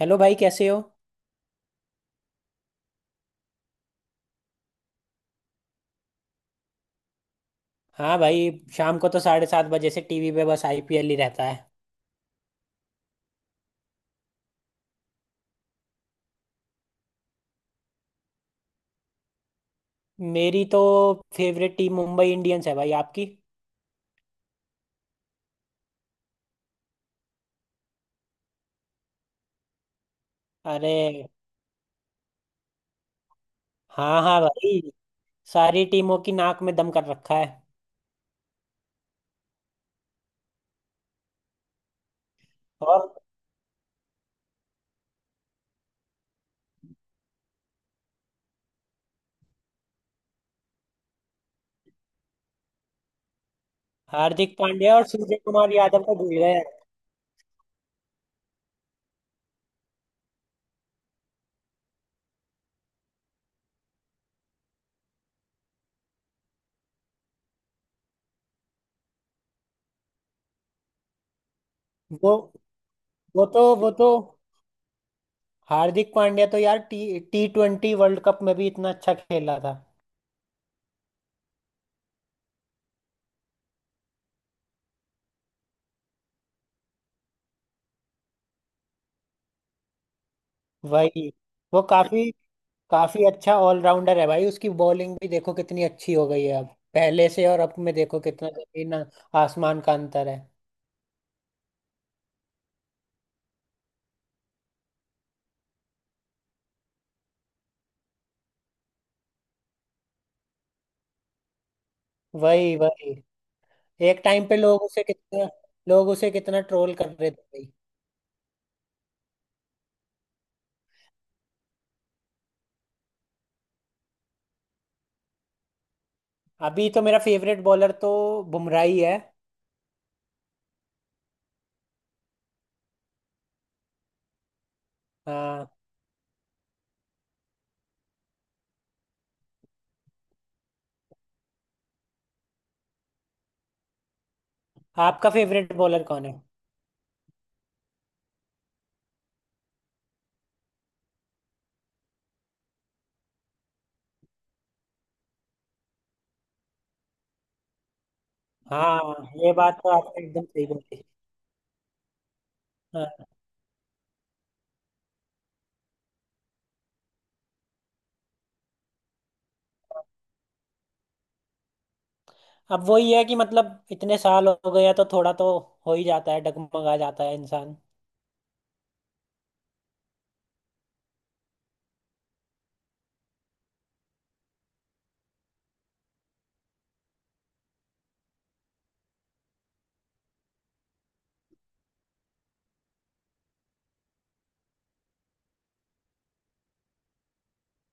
Hello भाई, कैसे हो। हाँ भाई। शाम को तो 7:30 बजे से टीवी पे बस आईपीएल ही रहता है। मेरी तो फेवरेट टीम मुंबई इंडियंस है भाई, आपकी? अरे। हाँ हाँ भाई। सारी टीमों की नाक में दम कर रखा है। और। हार्दिक पांड्या और सूर्य कुमार यादव को भूल गए। वो वो तो हार्दिक पांड्या तो यार T T twenty world cup में भी इतना अच्छा खेला था। भाई, वो काफी काफी अच्छा ऑलराउंडर है भाई। उसकी बॉलिंग भी देखो कितनी अच्छी हो गई है अब। पहले से और अब में देखो कितना जमीन आसमान का अंतर है। वही वही। एक टाइम पे लोग उसे कितना ट्रोल कर रहे थे भाई। अभी तो मेरा फेवरेट बॉलर तो बुमराह ही है। हाँ। आपका फेवरेट बॉलर कौन है? हाँ, ये बात तो आपने एकदम सही बोली। हाँ। अब वही है कि मतलब इतने साल हो गए हैं तो थोड़ा तो हो ही जाता है, डगमगा जाता है इंसान।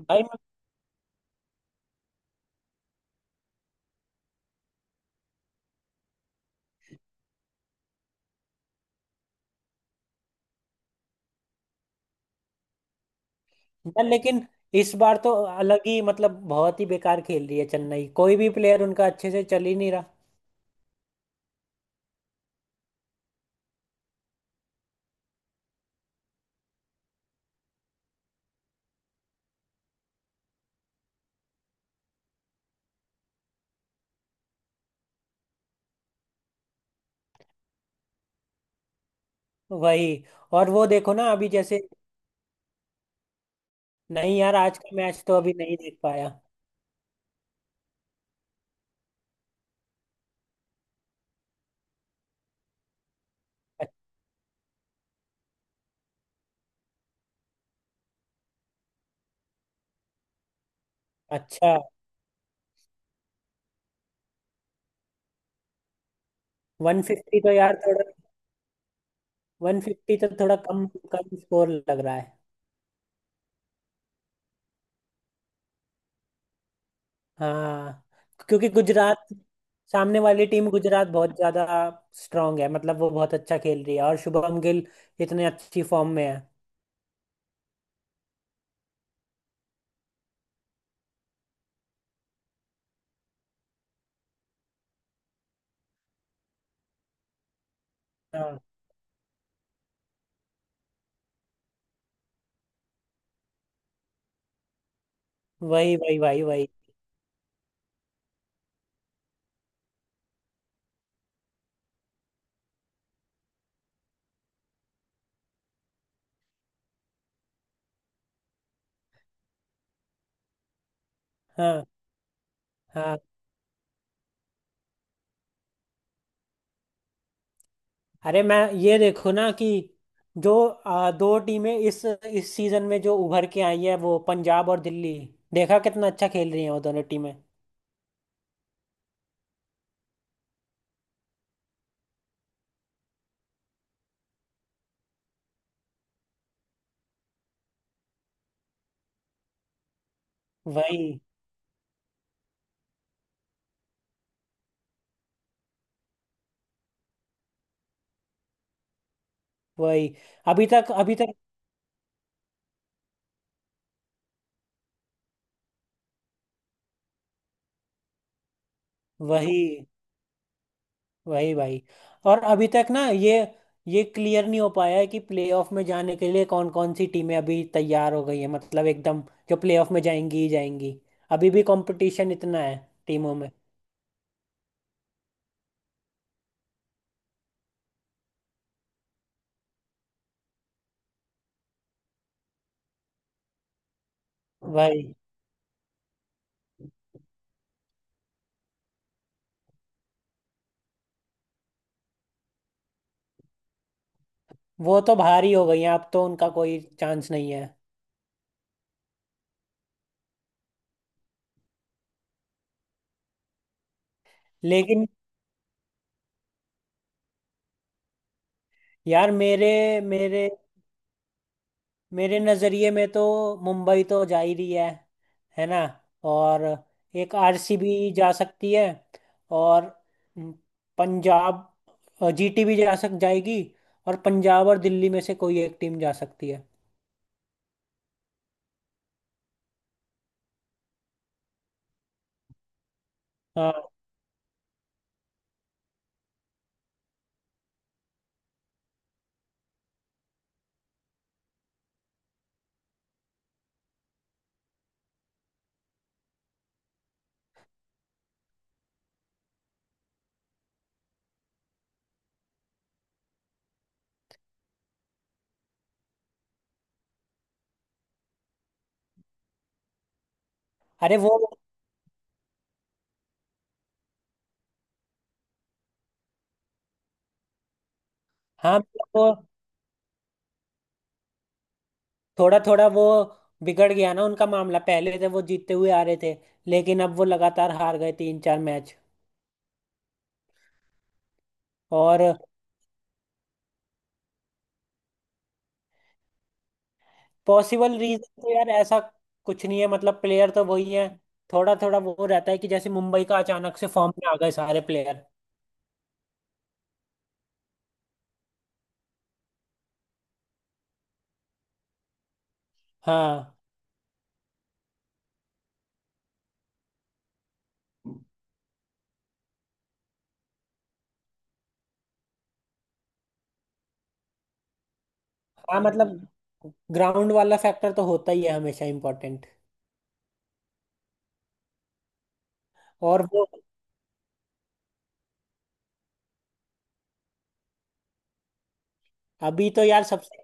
भाई। यार लेकिन इस बार तो अलग ही मतलब बहुत ही बेकार खेल रही है चेन्नई, कोई भी प्लेयर उनका अच्छे से चल ही नहीं रहा। वही। और वो देखो ना अभी जैसे। नहीं यार, आज का मैच तो अभी नहीं देख पाया। अ- अच्छा। 150 तो यार थोड़ा। 150 तो थोड़ा कम कम स्कोर लग रहा है। हाँ। क्योंकि गुजरात सामने वाली टीम गुजरात बहुत ज्यादा स्ट्रांग है, मतलब वो बहुत अच्छा खेल रही है, और शुभम गिल इतने अच्छी फॉर्म में है। हाँ वही वही भाई वही। हाँ हाँ। अरे मैं ये देखो ना कि जो 2 टीमें इस सीजन में जो उभर के आई है वो पंजाब और दिल्ली, देखा कितना अच्छा खेल रही हैं वो दोनों टीमें। वही वही। अभी तक। वही वही भाई। और अभी तक ना ये क्लियर नहीं हो पाया है कि प्लेऑफ में जाने के लिए कौन कौन सी टीमें अभी तैयार हो गई है, मतलब एकदम जो प्लेऑफ में जाएंगी ही जाएंगी। अभी भी कंपटीशन इतना है टीमों में। भाई। वो तो भारी हो गई है, अब तो उनका कोई चांस नहीं है। लेकिन यार, मेरे मेरे मेरे नज़रिए में तो मुंबई तो जा ही रही है ना। और एक आरसीबी जा सकती है और पंजाब जीटी भी जा सक जाएगी। और पंजाब और दिल्ली में से कोई एक टीम जा सकती है। हाँ। अरे वो, हाँ मतलब वो थोड़ा थोड़ा वो बिगड़ गया ना उनका मामला। पहले थे वो जीतते हुए आ रहे थे लेकिन अब वो लगातार हार गए 3-4 मैच। और पॉसिबल रीजन तो यार ऐसा कुछ नहीं है, मतलब प्लेयर तो वही है। थोड़ा थोड़ा वो रहता है कि जैसे मुंबई का अचानक से फॉर्म में आ गए सारे प्लेयर। हाँ हाँ, मतलब ग्राउंड वाला फैक्टर तो होता ही है हमेशा इम्पोर्टेंट। और वो। अभी तो यार सबसे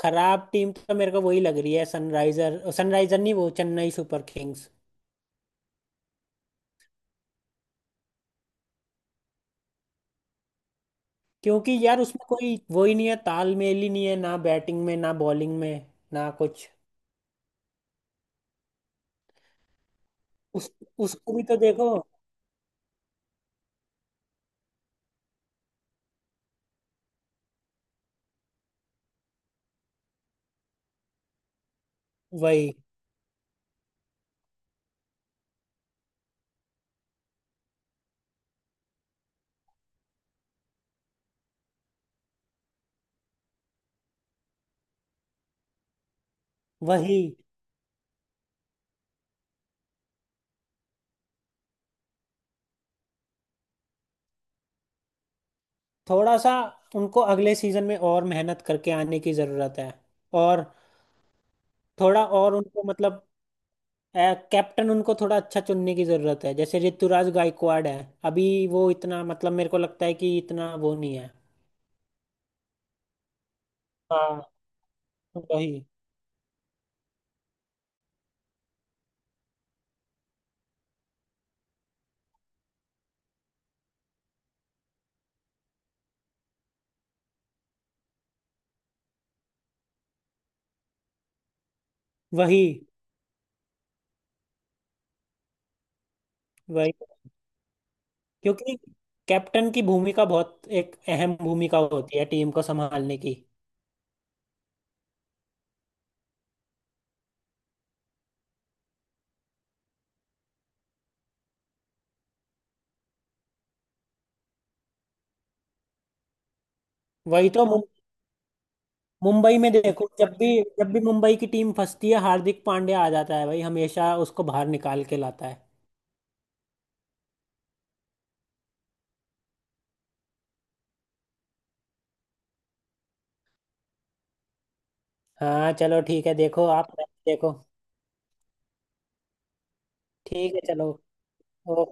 खराब टीम तो मेरे को वही लग रही है, सनराइजर, सनराइजर नहीं, वो चेन्नई सुपर किंग्स। क्योंकि यार उसमें कोई वो ही नहीं है, तालमेल ही नहीं है ना, बैटिंग में, ना बॉलिंग में, ना कुछ। उस उसको भी तो देखो। वही वही। थोड़ा सा उनको अगले सीजन में और मेहनत करके आने की जरूरत है। और थोड़ा और उनको मतलब कैप्टन उनको थोड़ा अच्छा चुनने की जरूरत है। जैसे ऋतुराज गायकवाड़ है, अभी वो इतना मतलब मेरे को लगता है कि इतना वो नहीं है। हाँ वही वही वही। क्योंकि कैप्टन की भूमिका बहुत एक अहम भूमिका होती है टीम को संभालने की। वही तो मुंबई में देखो, जब भी मुंबई की टीम फंसती है हार्दिक पांड्या आ जाता है भाई, हमेशा उसको बाहर निकाल के लाता है। हाँ चलो ठीक है, देखो आप। देखो। ठीक है चलो। ओ-